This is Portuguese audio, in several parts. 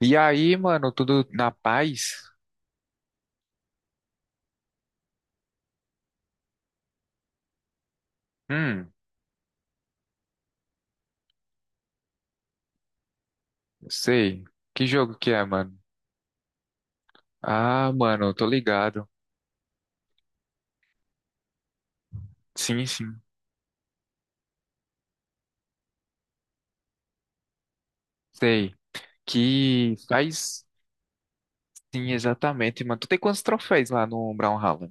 E aí, mano, tudo na paz? Hum, sei. Que jogo que é, mano? Ah, mano, eu tô ligado. Sim, sim, sei. Que faz. Sim, exatamente, mano. Tu tem quantos troféus lá no Brawlhalla?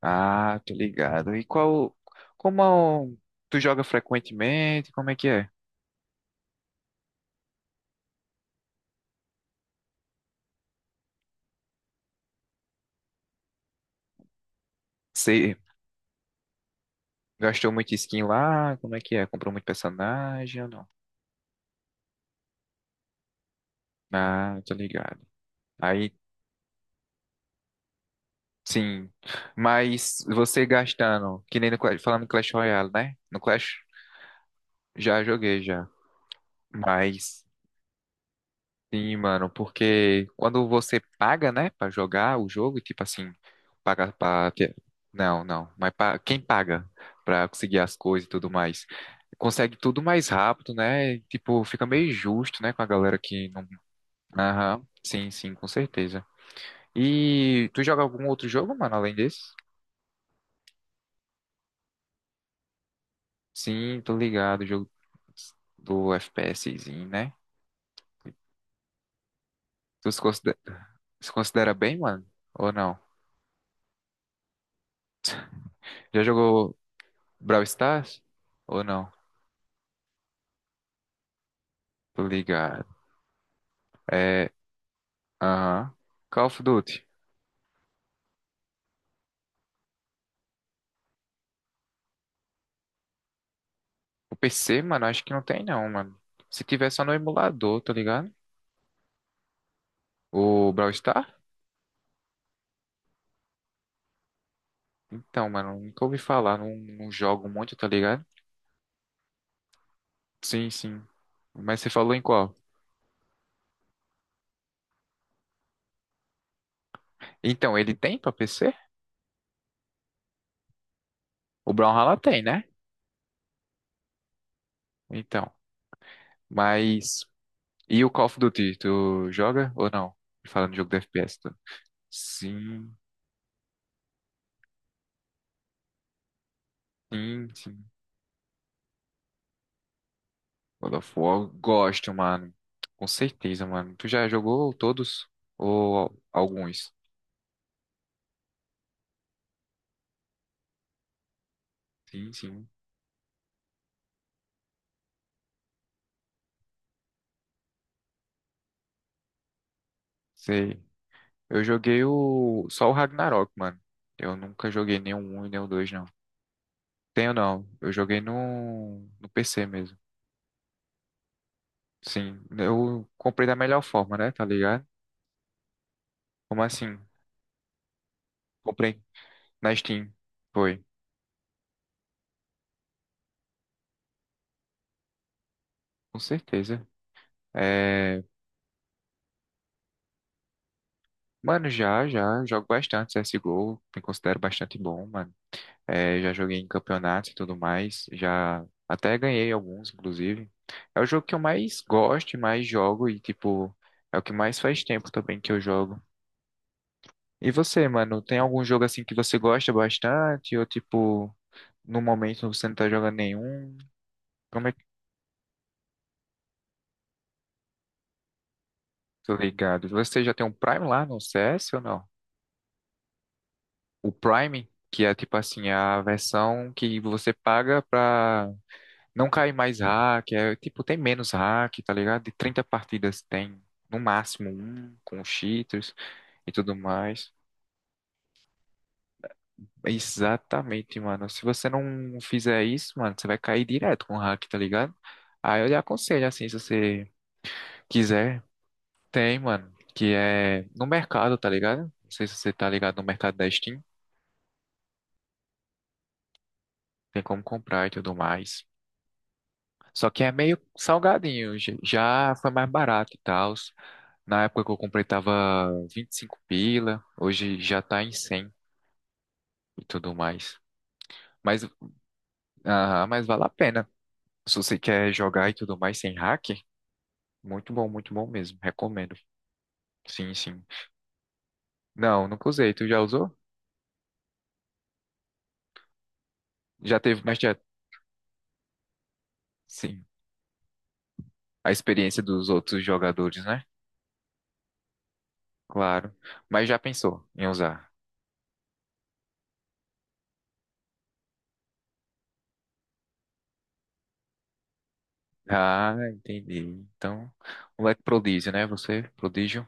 Ah, tô ligado. E qual. Como tu joga frequentemente? Como é que é? Você gastou muito skin lá? Como é que é? Comprou muito personagem ou não? Ah, tô ligado. Aí. Sim, mas você gastando, que nem no, falando em Clash Royale, né? No Clash já joguei já, mas sim, mano, porque quando você paga, né, pra jogar o jogo, e tipo assim, paga pra ter. Não, não, mas quem paga pra conseguir as coisas e tudo mais, consegue tudo mais rápido, né? Tipo, fica meio justo, né, com a galera que não. Aham, sim, sim, com certeza. E tu joga algum outro jogo, mano, além desse? Sim, tô ligado, jogo do FPSzinho, né? Tu se considera, se considera bem, mano? Ou não? Já jogou Brawl Stars? Ou não? Tô ligado. É, aham. Call of Duty. O PC, mano, acho que não tem não, mano. Se tiver só no emulador, tá ligado? O Brawl Stars? Então, mano, nunca ouvi falar, não, não jogo muito, tá ligado? Sim, sim. Mas você falou em qual? Então, ele tem pra PC? O Brawlhalla tem, né? Então, mas. E o Call of Duty, tu joga ou não? Falando de jogo de FPS, tu-. Sim, sim, sim. God of War, gosto, mano. Com certeza, mano. Tu já jogou todos? Ou alguns? Sim, sim. Sei. Eu joguei o só o Ragnarok, mano. Eu nunca joguei nem o 1 e nem o 2, não. Tenho não. Eu joguei no no PC mesmo. Sim. Eu comprei da melhor forma, né? Tá ligado? Como assim? Comprei na Steam. Foi. Com certeza. É... Mano, já, já, jogo bastante CSGO, me considero bastante bom, mano. É, já joguei em campeonatos e tudo mais, já até ganhei alguns, inclusive. É o jogo que eu mais gosto, e mais jogo e, tipo, é o que mais faz tempo também que eu jogo. E você, mano, tem algum jogo assim que você gosta bastante ou, tipo, no momento você não tá jogando nenhum? Como é que tô ligado? Você já tem um Prime lá no CS ou não? O Prime, que é, tipo assim, a versão que você paga pra. Não cai mais hack, é, tipo, tem menos hack, tá ligado? De 30 partidas tem no máximo um com os cheaters e tudo mais. Exatamente, mano. Se você não fizer isso, mano, você vai cair direto com o hack, tá ligado? Aí eu lhe aconselho, assim, se você quiser, tem, mano, que é no mercado, tá ligado? Não sei se você tá ligado no mercado da Steam, tem como comprar e tudo mais. Só que é meio salgadinho. Já foi mais barato e tal. Na época que eu comprei tava 25 pila. Hoje já tá em 100 e tudo mais. Mas, mas vale a pena. Se você quer jogar e tudo mais sem hack, muito bom mesmo. Recomendo. Sim, sim. Não, nunca usei. Tu já usou? Já teve, mas já, sim. A experiência dos outros jogadores, né? Claro. Mas já pensou em usar? Ah, entendi. Então, moleque prodígio, né? Você, prodígio.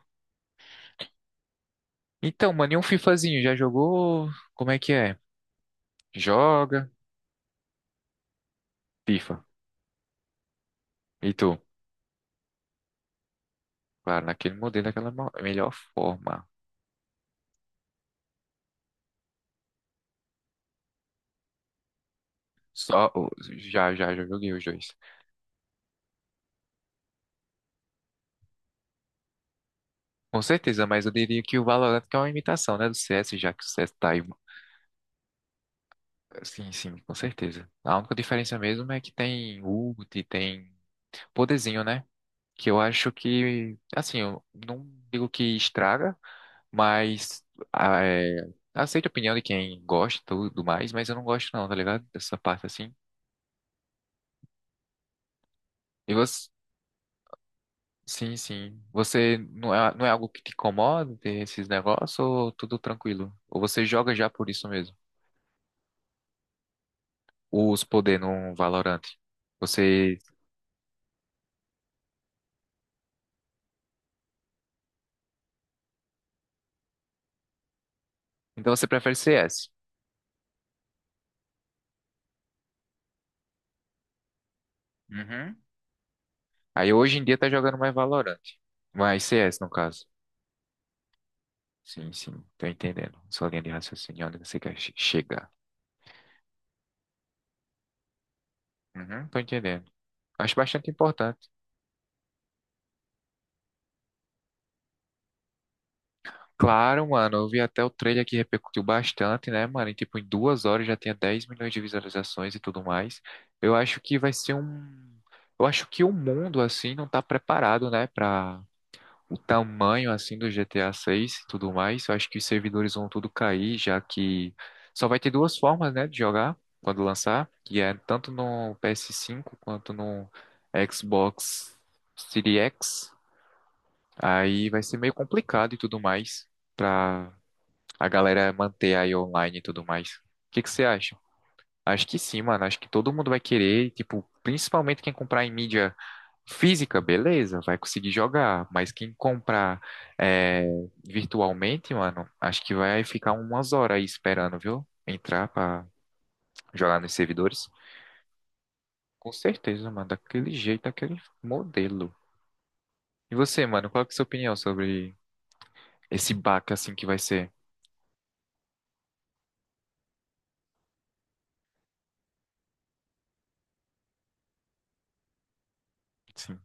Então, mano, e um FIFAzinho? Já jogou? Como é que é? Joga? FIFA. E tu? Claro, naquele modelo, daquela melhor forma. Só, o- já joguei os dois. Com certeza, mas eu diria que o Valorant que é uma imitação, né, do CS, já que o CS tá aí. Sim, sim, com certeza. A única diferença mesmo é que tem ult, tem poderzinho, né? Que eu acho que, assim, eu não digo que estraga, mas ah, é, aceito a opinião de quem gosta e tudo mais, mas eu não gosto não, tá ligado? Dessa parte assim. E você, sim, sim. Você não é algo que te incomoda ter esses negócios ou tudo tranquilo? Ou você joga já por isso mesmo? Os poder no Valorant. Você, então você prefere CS? Uhum. Aí hoje em dia tá jogando mais Valorant. Mais CS no caso. Sim, sim, tô entendendo. Sua linha de raciocínio, onde você quer chegar. Uhum, tô entendendo. Acho bastante importante. Claro, mano, eu vi até o trailer que repercutiu bastante, né, mano? E, tipo, em 2 horas já tinha 10 milhões de visualizações e tudo mais. Eu acho que vai ser um. Eu acho que o mundo, assim, não tá preparado, né, pra o tamanho, assim, do GTA 6 e tudo mais. Eu acho que os servidores vão tudo cair, já que só vai ter duas formas, né, de jogar quando lançar, que é tanto no PS5 quanto no Xbox Series X. Aí vai ser meio complicado e tudo mais. Pra a galera manter aí online e tudo mais. O que que você acha? Acho que sim, mano. Acho que todo mundo vai querer, tipo, principalmente quem comprar em mídia física, beleza, vai conseguir jogar. Mas quem comprar é, virtualmente, mano, acho que vai ficar umas horas aí esperando, viu? Entrar pra jogar nos servidores. Com certeza, mano. Daquele jeito, daquele modelo. E você, mano, qual que é a sua opinião sobre esse baque assim que vai ser? Sim.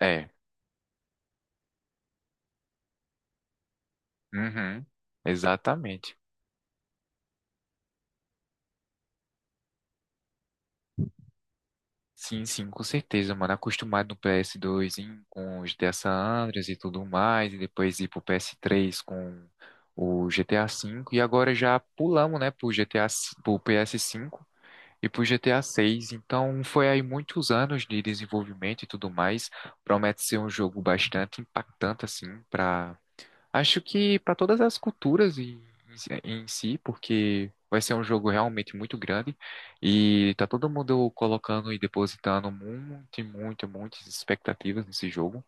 É. Uhum. Exatamente. Sim, sim, com certeza, mano. Acostumado no PS2 com os GTA San Andreas e tudo mais, e depois ir pro PS3 com o GTA V, e agora já pulamos, né, pro GTA, pro PS5 e pro GTA 6. Então foi aí muitos anos de desenvolvimento e tudo mais. Promete ser um jogo bastante impactante, assim, para. Acho que para todas as culturas em si, porque vai ser um jogo realmente muito grande e tá todo mundo colocando e depositando muito, muito, muitas expectativas nesse jogo.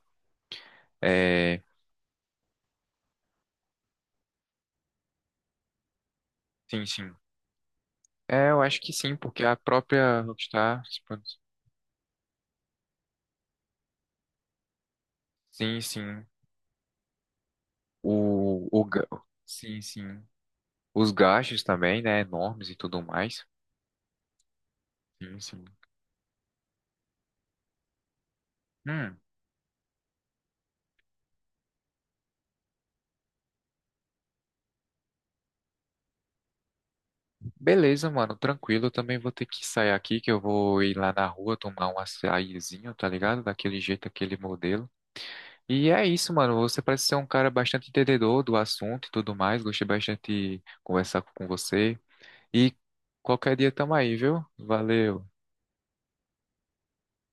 É, sim, sim. É, eu acho que sim, porque a própria Rockstar, tipo, sim, sim, o, o, ga- sim, sim, os gastos também, né, enormes e tudo mais. Sim, sim. Hum. Beleza, mano, tranquilo. Eu também vou ter que sair aqui, que eu vou ir lá na rua tomar um açaizinho, tá ligado? Daquele jeito, aquele modelo. E é isso, mano. Você parece ser um cara bastante entendedor do assunto e tudo mais. Gostei bastante de conversar com você. E qualquer dia tamo aí, viu? Valeu.